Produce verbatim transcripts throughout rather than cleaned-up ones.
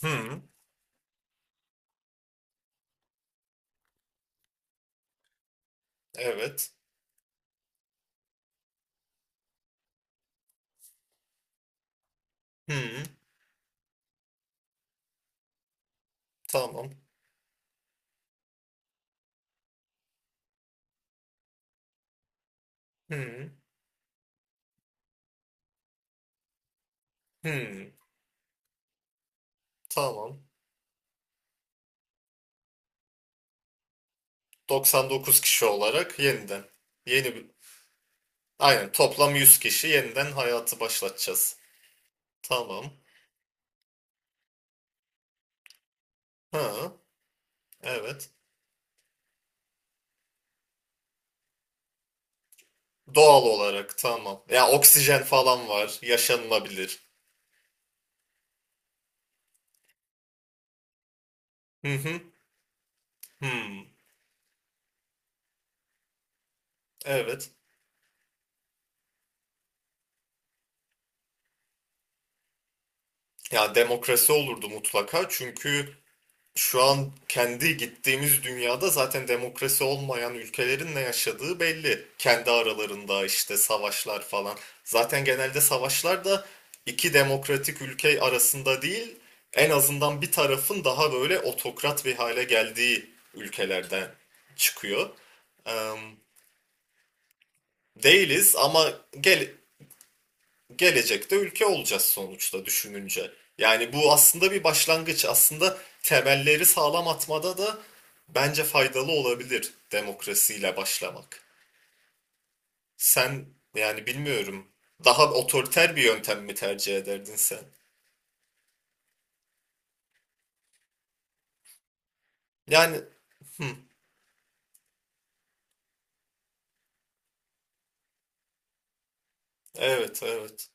Hı, evet. Hı, tamam. Hı, hı, tamam. doksan dokuz kişi olarak yeniden. Yeni bir... Aynen, toplam yüz kişi yeniden hayatı başlatacağız. Tamam. Hı, evet. Doğal olarak tamam. Ya, oksijen falan var. Yaşanılabilir. Hı hı. Hı, evet. Ya demokrasi olurdu mutlaka, çünkü şu an kendi gittiğimiz dünyada zaten demokrasi olmayan ülkelerin ne yaşadığı belli. Kendi aralarında işte savaşlar falan. Zaten genelde savaşlar da iki demokratik ülke arasında değil, en azından bir tarafın daha böyle otokrat bir hale geldiği ülkelerden çıkıyor. Em, Değiliz ama gel gelecekte ülke olacağız sonuçta, düşününce. Yani bu aslında bir başlangıç. Aslında temelleri sağlam atmada da bence faydalı olabilir demokrasiyle başlamak. Sen, yani bilmiyorum, daha otoriter bir yöntem mi tercih ederdin sen? Yani evet, evet,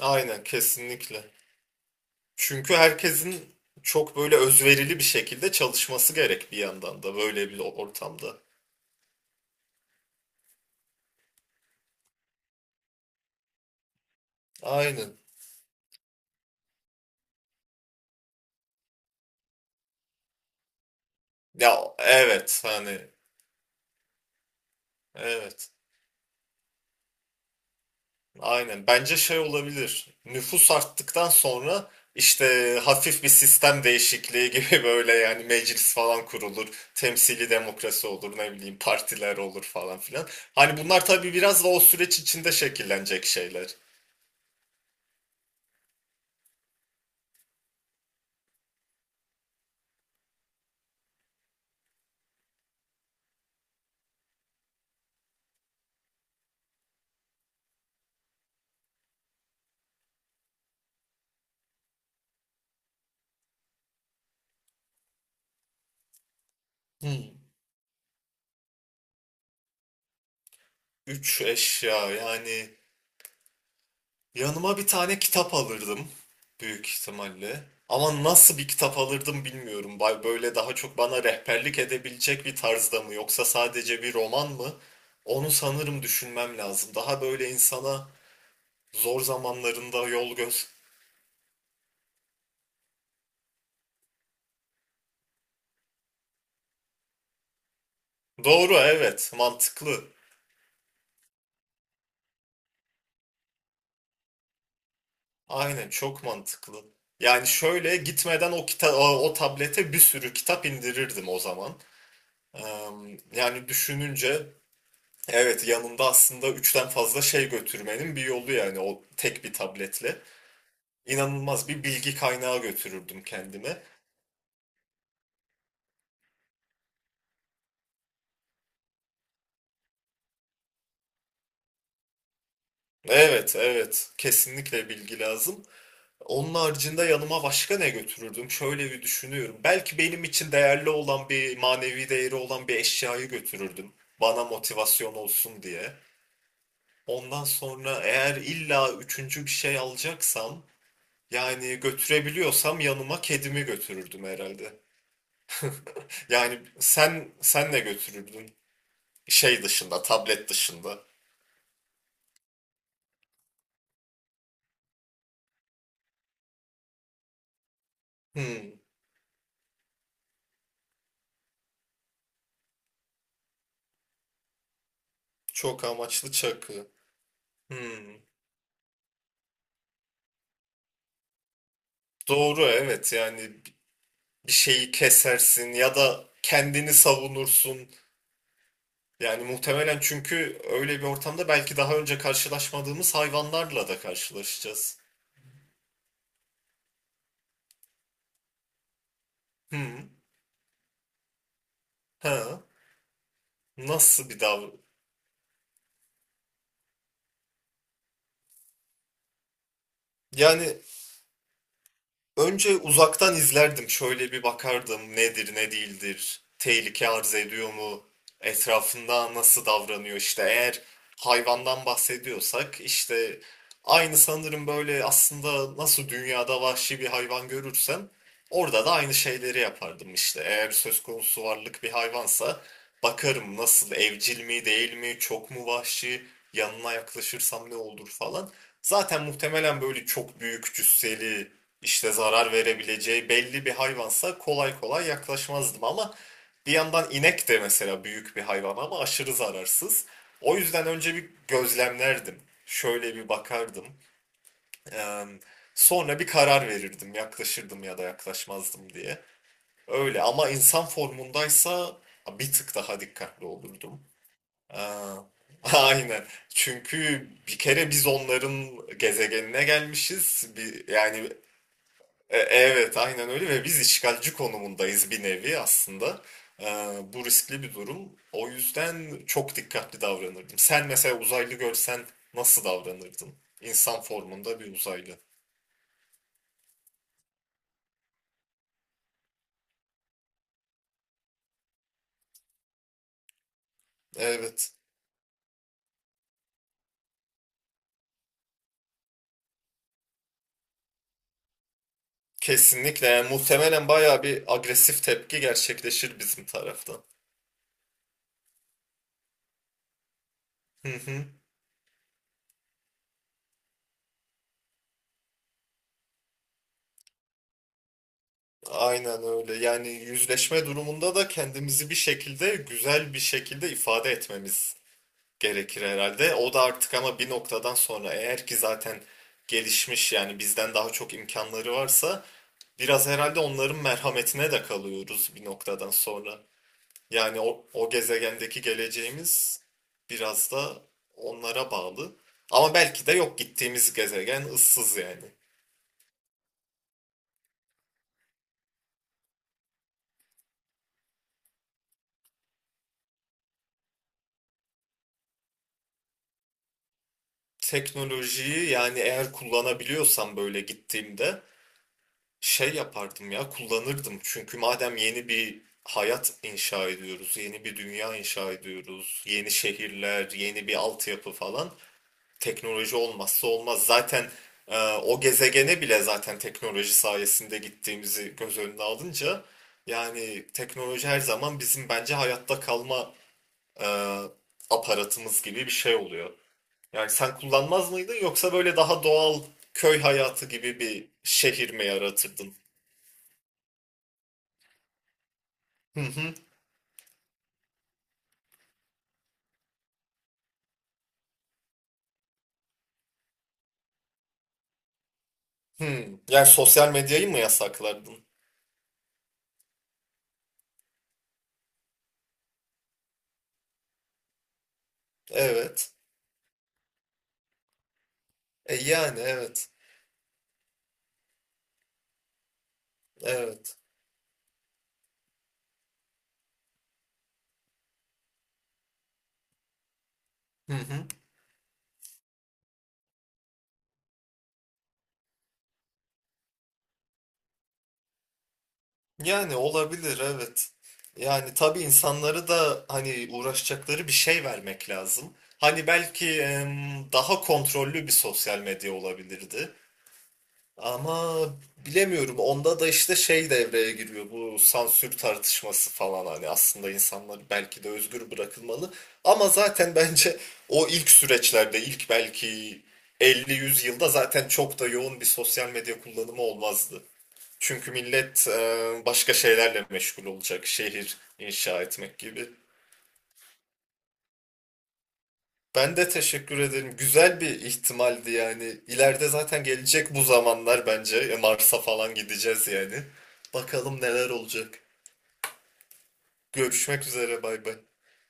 aynen, kesinlikle. Çünkü herkesin çok böyle özverili bir şekilde çalışması gerek bir yandan da böyle bir ortamda. Aynen. Ya evet, hani evet. Aynen. Bence şey olabilir. Nüfus arttıktan sonra işte hafif bir sistem değişikliği gibi böyle yani meclis falan kurulur. Temsili demokrasi olur, ne bileyim partiler olur falan filan. Hani bunlar tabii biraz da o süreç içinde şekillenecek şeyler. Hmm. Üç eşya yani. Yanıma bir tane kitap alırdım büyük ihtimalle. Ama nasıl bir kitap alırdım bilmiyorum. Bay- Böyle daha çok bana rehberlik edebilecek bir tarzda mı, yoksa sadece bir roman mı? Onu sanırım düşünmem lazım. Daha böyle insana zor zamanlarında yol göz. Doğru, evet, mantıklı. Aynen, çok mantıklı. Yani şöyle, gitmeden o kita o, o tablete bir sürü kitap indirirdim o zaman. Eee, Yani düşününce, evet, yanında aslında üçten fazla şey götürmenin bir yolu, yani o tek bir tabletle. İnanılmaz bir bilgi kaynağı götürürdüm kendime. Evet, evet, kesinlikle bilgi lazım. Onun haricinde yanıma başka ne götürürdüm? Şöyle bir düşünüyorum. Belki benim için değerli olan, bir manevi değeri olan bir eşyayı götürürdüm. Bana motivasyon olsun diye. Ondan sonra, eğer illa üçüncü bir şey alacaksam, yani götürebiliyorsam, yanıma kedimi götürürdüm herhalde. Yani sen sen ne götürürdün? Şey dışında, tablet dışında. Hmm, Çok amaçlı çakı. Hmm, doğru, evet, yani bir şeyi kesersin ya da kendini savunursun. Yani muhtemelen, çünkü öyle bir ortamda belki daha önce karşılaşmadığımız hayvanlarla da karşılaşacağız. Hmm, ha, nasıl bir davranış. Yani önce uzaktan izlerdim. Şöyle bir bakardım, nedir ne değildir. Tehlike arz ediyor mu? Etrafında nasıl davranıyor işte. Eğer hayvandan bahsediyorsak işte aynı, sanırım böyle aslında, nasıl dünyada vahşi bir hayvan görürsem orada da aynı şeyleri yapardım işte. Eğer söz konusu varlık bir hayvansa bakarım, nasıl, evcil mi değil mi, çok mu vahşi, yanına yaklaşırsam ne olur falan. Zaten muhtemelen böyle çok büyük cüsseli, işte zarar verebileceği belli bir hayvansa kolay kolay yaklaşmazdım ama bir yandan inek de mesela büyük bir hayvan ama aşırı zararsız. O yüzden önce bir gözlemlerdim. Şöyle bir bakardım. Eee, Sonra bir karar verirdim, yaklaşırdım ya da yaklaşmazdım diye. Öyle, ama insan formundaysa bir tık daha dikkatli olurdum. Eee, aynen. Çünkü bir kere biz onların gezegenine gelmişiz. Bir, yani e, Evet, aynen öyle, ve biz işgalci konumundayız bir nevi aslında. E, Bu riskli bir durum. O yüzden çok dikkatli davranırdım. Sen mesela uzaylı görsen nasıl davranırdın? İnsan formunda bir uzaylı. Evet, kesinlikle. Yani muhtemelen bayağı bir agresif tepki gerçekleşir bizim taraftan. Hı hı. Aynen öyle. Yani yüzleşme durumunda da kendimizi bir şekilde, güzel bir şekilde ifade etmemiz gerekir herhalde. O da artık, ama bir noktadan sonra eğer ki zaten gelişmiş, yani bizden daha çok imkanları varsa biraz herhalde onların merhametine de kalıyoruz bir noktadan sonra. Yani o, o gezegendeki geleceğimiz biraz da onlara bağlı. Ama belki de yok, gittiğimiz gezegen ıssız yani. Teknolojiyi, yani eğer kullanabiliyorsam böyle gittiğimde, şey yapardım ya, kullanırdım, çünkü madem yeni bir hayat inşa ediyoruz, yeni bir dünya inşa ediyoruz, yeni şehirler, yeni bir altyapı falan, teknoloji olmazsa olmaz. Zaten e, o gezegene bile zaten teknoloji sayesinde gittiğimizi göz önüne alınca, yani teknoloji her zaman bizim bence hayatta kalma e, aparatımız gibi bir şey oluyor. Yani sen kullanmaz mıydın, yoksa böyle daha doğal köy hayatı gibi bir şehir mi yaratırdın? Hmm, yani sosyal medyayı mı yasaklardın? Evet. E, yani evet. Evet. Hı hı. Yani olabilir, evet. Yani tabii insanları da hani uğraşacakları bir şey vermek lazım. Hani belki em, daha kontrollü bir sosyal medya olabilirdi. Ama bilemiyorum. Onda da işte şey devreye giriyor. Bu sansür tartışması falan, hani aslında insanlar belki de özgür bırakılmalı. Ama zaten bence o ilk süreçlerde, ilk belki elli yüz yılda zaten çok da yoğun bir sosyal medya kullanımı olmazdı. Çünkü millet e, başka şeylerle meşgul olacak. Şehir inşa etmek gibi. Ben de teşekkür ederim. Güzel bir ihtimaldi yani. İleride zaten gelecek bu zamanlar bence. E, Mars'a falan gideceğiz yani. Bakalım neler olacak. Görüşmek üzere, bay bay.